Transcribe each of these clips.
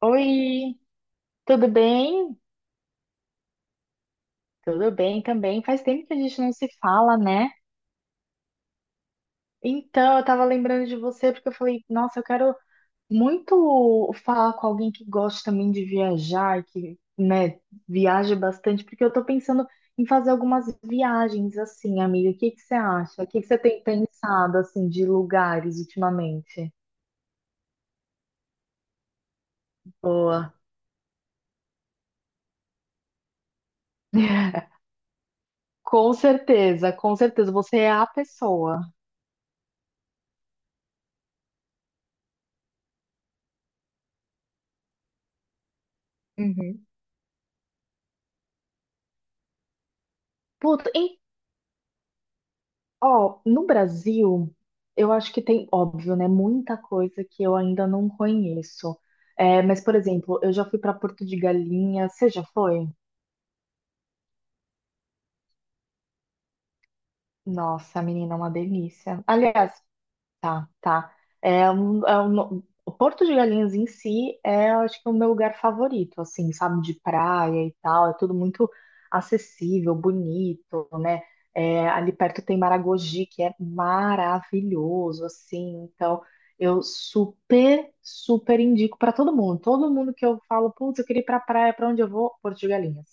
Oi, tudo bem? Tudo bem também. Faz tempo que a gente não se fala, né? Então, eu tava lembrando de você porque eu falei, nossa, eu quero muito falar com alguém que gosta também de viajar, que, né, viaja bastante, porque eu tô pensando em fazer algumas viagens assim, amiga. O que que você acha? O que que você tem pensado assim de lugares ultimamente? Boa. Com certeza, você é a pessoa. Uhum. Puta, ó, no Brasil, eu acho que tem, óbvio, né, muita coisa que eu ainda não conheço. É, mas, por exemplo, eu já fui para Porto de Galinha. Você já foi? Nossa, menina, é uma delícia. Aliás, tá, tá. É, o Porto de Galinhas em si é, eu acho que, o meu lugar favorito, assim, sabe, de praia e tal. É tudo muito acessível, bonito, né? É, ali perto tem Maragogi, que é maravilhoso, assim. Então, eu super, super indico para todo mundo. Todo mundo que eu falo, putz, eu queria ir pra praia, pra onde eu vou? Porto de Galinhas.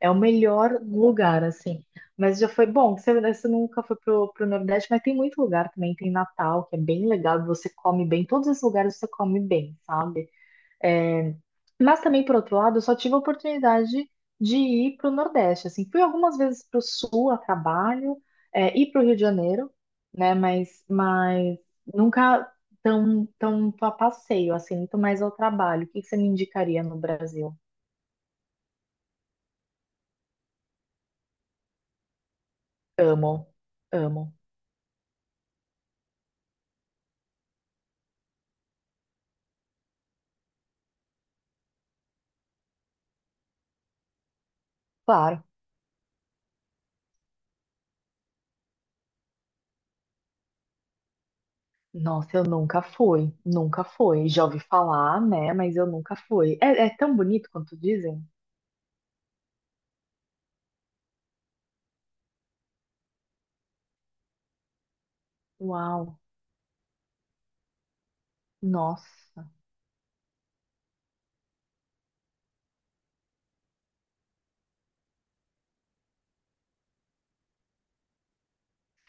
É o melhor lugar, assim. Mas já foi bom. Você nunca foi pro Nordeste, mas tem muito lugar também. Tem Natal, que é bem legal. Você come bem. Todos esses lugares você come bem, sabe? É, mas também, por outro lado, eu só tive a oportunidade de ir pro Nordeste. Assim, fui algumas vezes pro Sul a trabalho, é, e pro Rio de Janeiro, né? Mas nunca tão a passeio, assim, muito mais ao trabalho. O que que você me indicaria no Brasil? Amo, amo. Claro. Nossa, eu nunca fui, nunca fui. Já ouvi falar, né? Mas eu nunca fui. É, é tão bonito quanto dizem? Uau, nossa,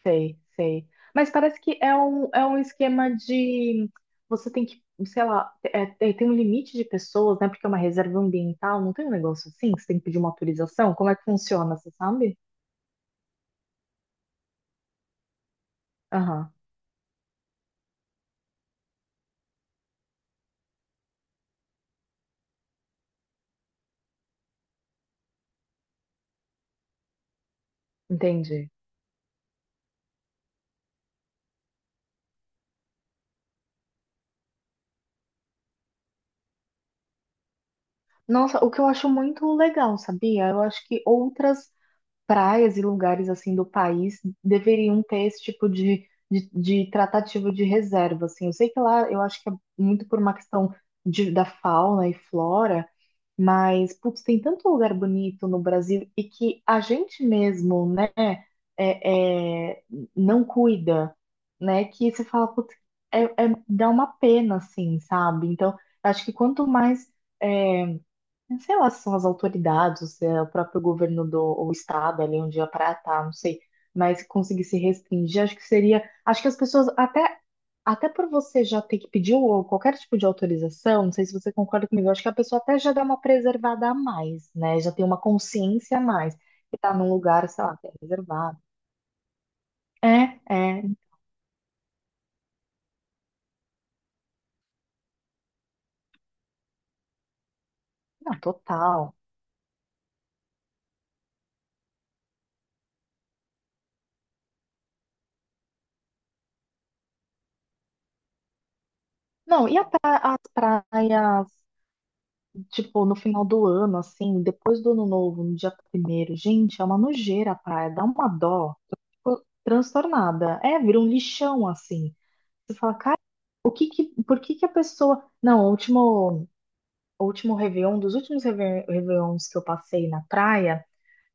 sei, sei. Mas parece que é um esquema de. Você tem que, sei lá, tem um limite de pessoas, né? Porque é uma reserva ambiental, não tem um negócio assim? Que você tem que pedir uma autorização? Como é que funciona, você sabe? Aham, entendi. Nossa, o que eu acho muito legal, sabia? Eu acho que outras praias e lugares assim do país deveriam ter esse tipo de tratativa de reserva, assim. Eu sei que lá, eu acho que é muito por uma questão de, da fauna e flora, mas, putz, tem tanto lugar bonito no Brasil e que a gente mesmo, né, é, é, não cuida, né, que você fala, putz, dá uma pena, assim, sabe? Então, acho que quanto mais... é, sei lá se são as autoridades, se é o próprio governo do ou o estado ali onde a praia tá, não sei, mas conseguir se restringir, acho que seria, acho que as pessoas até até por você já ter que pedir ou qualquer tipo de autorização, não sei se você concorda comigo, acho que a pessoa até já dá uma preservada a mais, né? Já tem uma consciência a mais que tá num lugar, sei lá, que é reservado. É, é, não, total. Não, as praias. Tipo, no final do ano, assim, depois do ano novo, no dia primeiro, gente, é uma nojeira, praia, dá uma dó. Eu fico transtornada. É, vira um lixão, assim. Você fala, cara, o que que, por que que a pessoa. Não, o último Réveillon, dos últimos Réveillons que eu passei na praia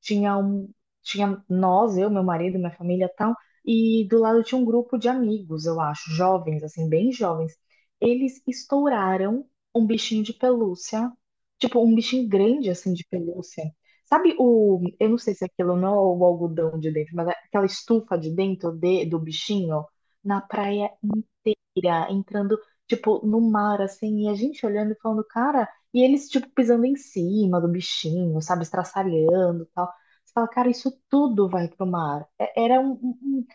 tinha um, tinha nós, eu, meu marido, minha família, tal, e do lado tinha um grupo de amigos, eu acho, jovens, assim, bem jovens. Eles estouraram um bichinho de pelúcia, tipo um bichinho grande assim de pelúcia. Sabe o, eu não sei se aquilo não é o algodão de dentro, mas é aquela estufa de dentro de, do bichinho na praia inteira, entrando tipo no mar assim, e a gente olhando e falando, cara, e eles tipo pisando em cima do bichinho, sabe, estraçalhando, tal. Você fala, cara, isso tudo vai pro mar. É- Era um, um- um-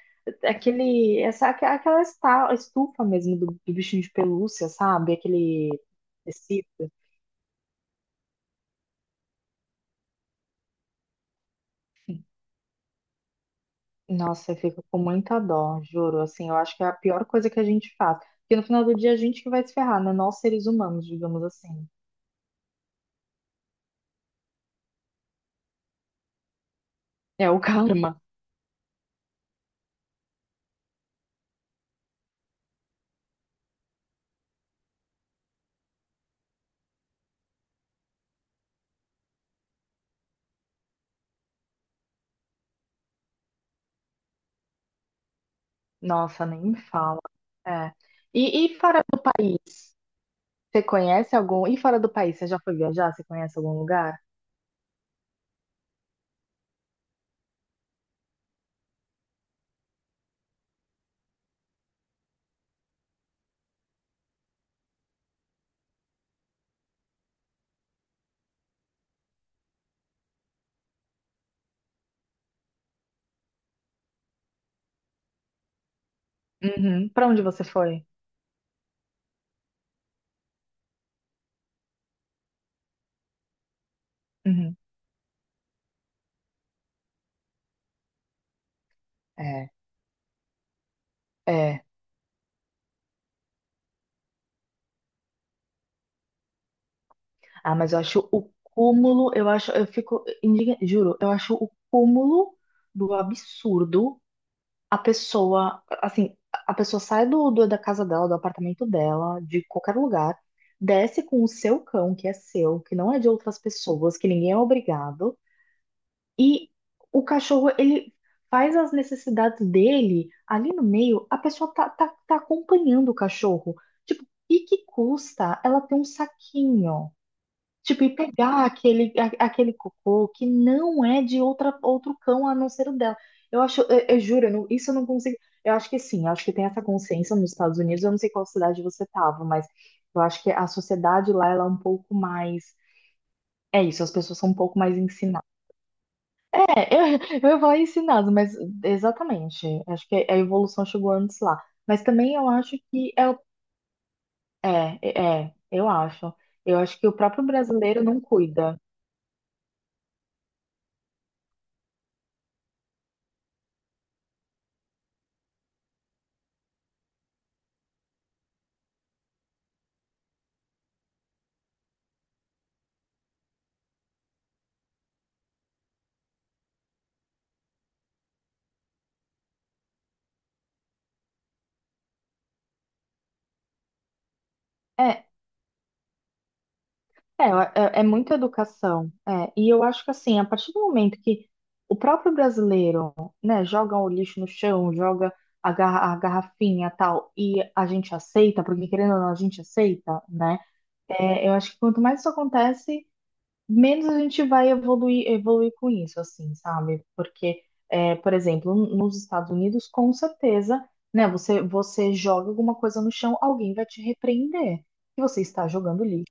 aquele, essa, aqua- aquela estufa mesmo do, do bichinho de pelúcia, sabe? Aquele tecido. Nossa, eu fico com muita dó, juro. Assim, eu acho que é a pior coisa que a gente faz. Porque no final do dia a gente que vai se ferrar, né? Nós seres humanos, digamos assim. É o karma. Nossa, nem me fala. É. E, e fora do país, você conhece algum? E fora do país, você já foi viajar? Você conhece algum lugar? Uhum. Para onde você foi? Uhum. É. É. Ah, mas eu acho o cúmulo, eu acho, eu fico indigna, juro, eu acho o cúmulo do absurdo a pessoa, assim, a pessoa sai do, da casa dela, do apartamento dela, de qualquer lugar, desce com o seu cão, que é seu, que não é de outras pessoas, que ninguém é obrigado, e o cachorro, ele faz as necessidades dele ali no meio, a pessoa tá acompanhando o cachorro. Tipo, e que custa ela ter um saquinho? Tipo, e pegar aquele, aquele cocô que não é de outra, outro cão a não ser o dela. Eu acho, eu juro, eu não- isso eu não consigo. Eu acho que sim, eu acho que tem essa consciência nos Estados Unidos. Eu não sei qual cidade você estava, mas eu acho que a sociedade lá ela é um pouco mais. É isso, as pessoas são um pouco mais ensinadas. É, eu ia falar ensinadas, mas exatamente. Acho que a evolução chegou antes lá. Mas também eu acho que é, o- é, é, eu acho. Eu acho que o próprio brasileiro não cuida. É. É, é muita educação. É. E eu acho que assim, a partir do momento que o próprio brasileiro, né, joga o lixo no chão, joga a, a garrafinha tal, e a gente aceita, porque querendo ou não, a gente aceita, né? É, eu acho que quanto mais isso acontece, menos a gente vai evoluir, evoluir com isso, assim, sabe? Porque, é, por exemplo, nos Estados Unidos, com certeza, né, você joga alguma coisa no chão, alguém vai te repreender que você está jogando lixo.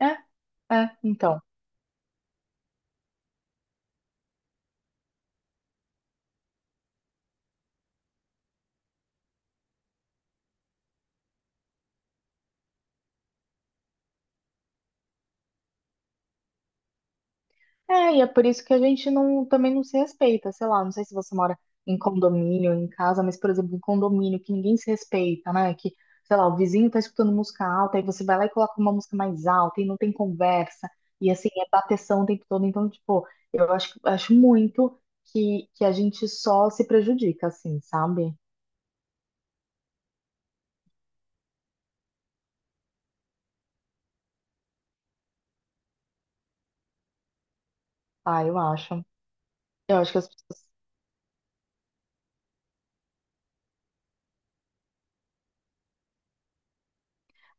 É, então. É, e é por isso que a gente não, também não se respeita, sei lá, não sei se você mora em condomínio, em casa, mas, por exemplo, em condomínio que ninguém se respeita, né? Que, sei lá, o vizinho tá escutando música alta, aí você vai lá e coloca uma música mais alta e não tem conversa, e assim, é bateção o tempo todo. Então, tipo, eu acho, acho muito que a gente só se prejudica, assim, sabe? Ah, eu acho. Eu acho que as pessoas.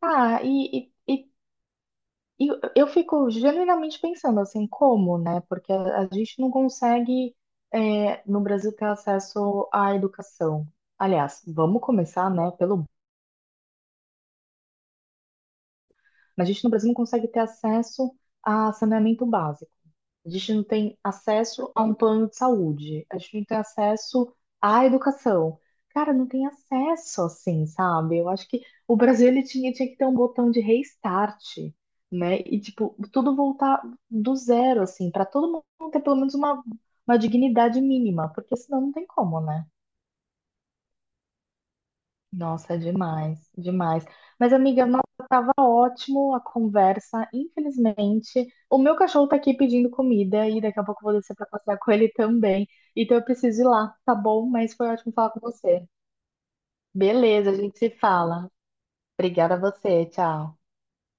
Ah, e, e, e eu fico genuinamente pensando assim, como, né? Porque a gente não consegue, é, no Brasil, ter acesso à educação. Aliás, vamos começar, né, pelo. Mas a gente no Brasil não consegue ter acesso a saneamento básico. A gente não tem acesso a um plano de saúde. A gente não tem acesso à educação. Cara, não tem acesso assim, sabe? Eu acho que o Brasil ele tinha, tinha que ter um botão de restart, né? E tipo, tudo voltar do zero assim, para todo mundo ter pelo menos uma dignidade mínima, porque senão não tem como, né? Nossa, é demais, demais. Mas, amiga, nossa, tava ótimo a conversa. Infelizmente, o meu cachorro tá aqui pedindo comida e daqui a pouco eu vou descer pra passear com ele também. Então eu preciso ir lá, tá bom? Mas foi ótimo falar com você. Beleza, a gente se fala. Obrigada a você, tchau.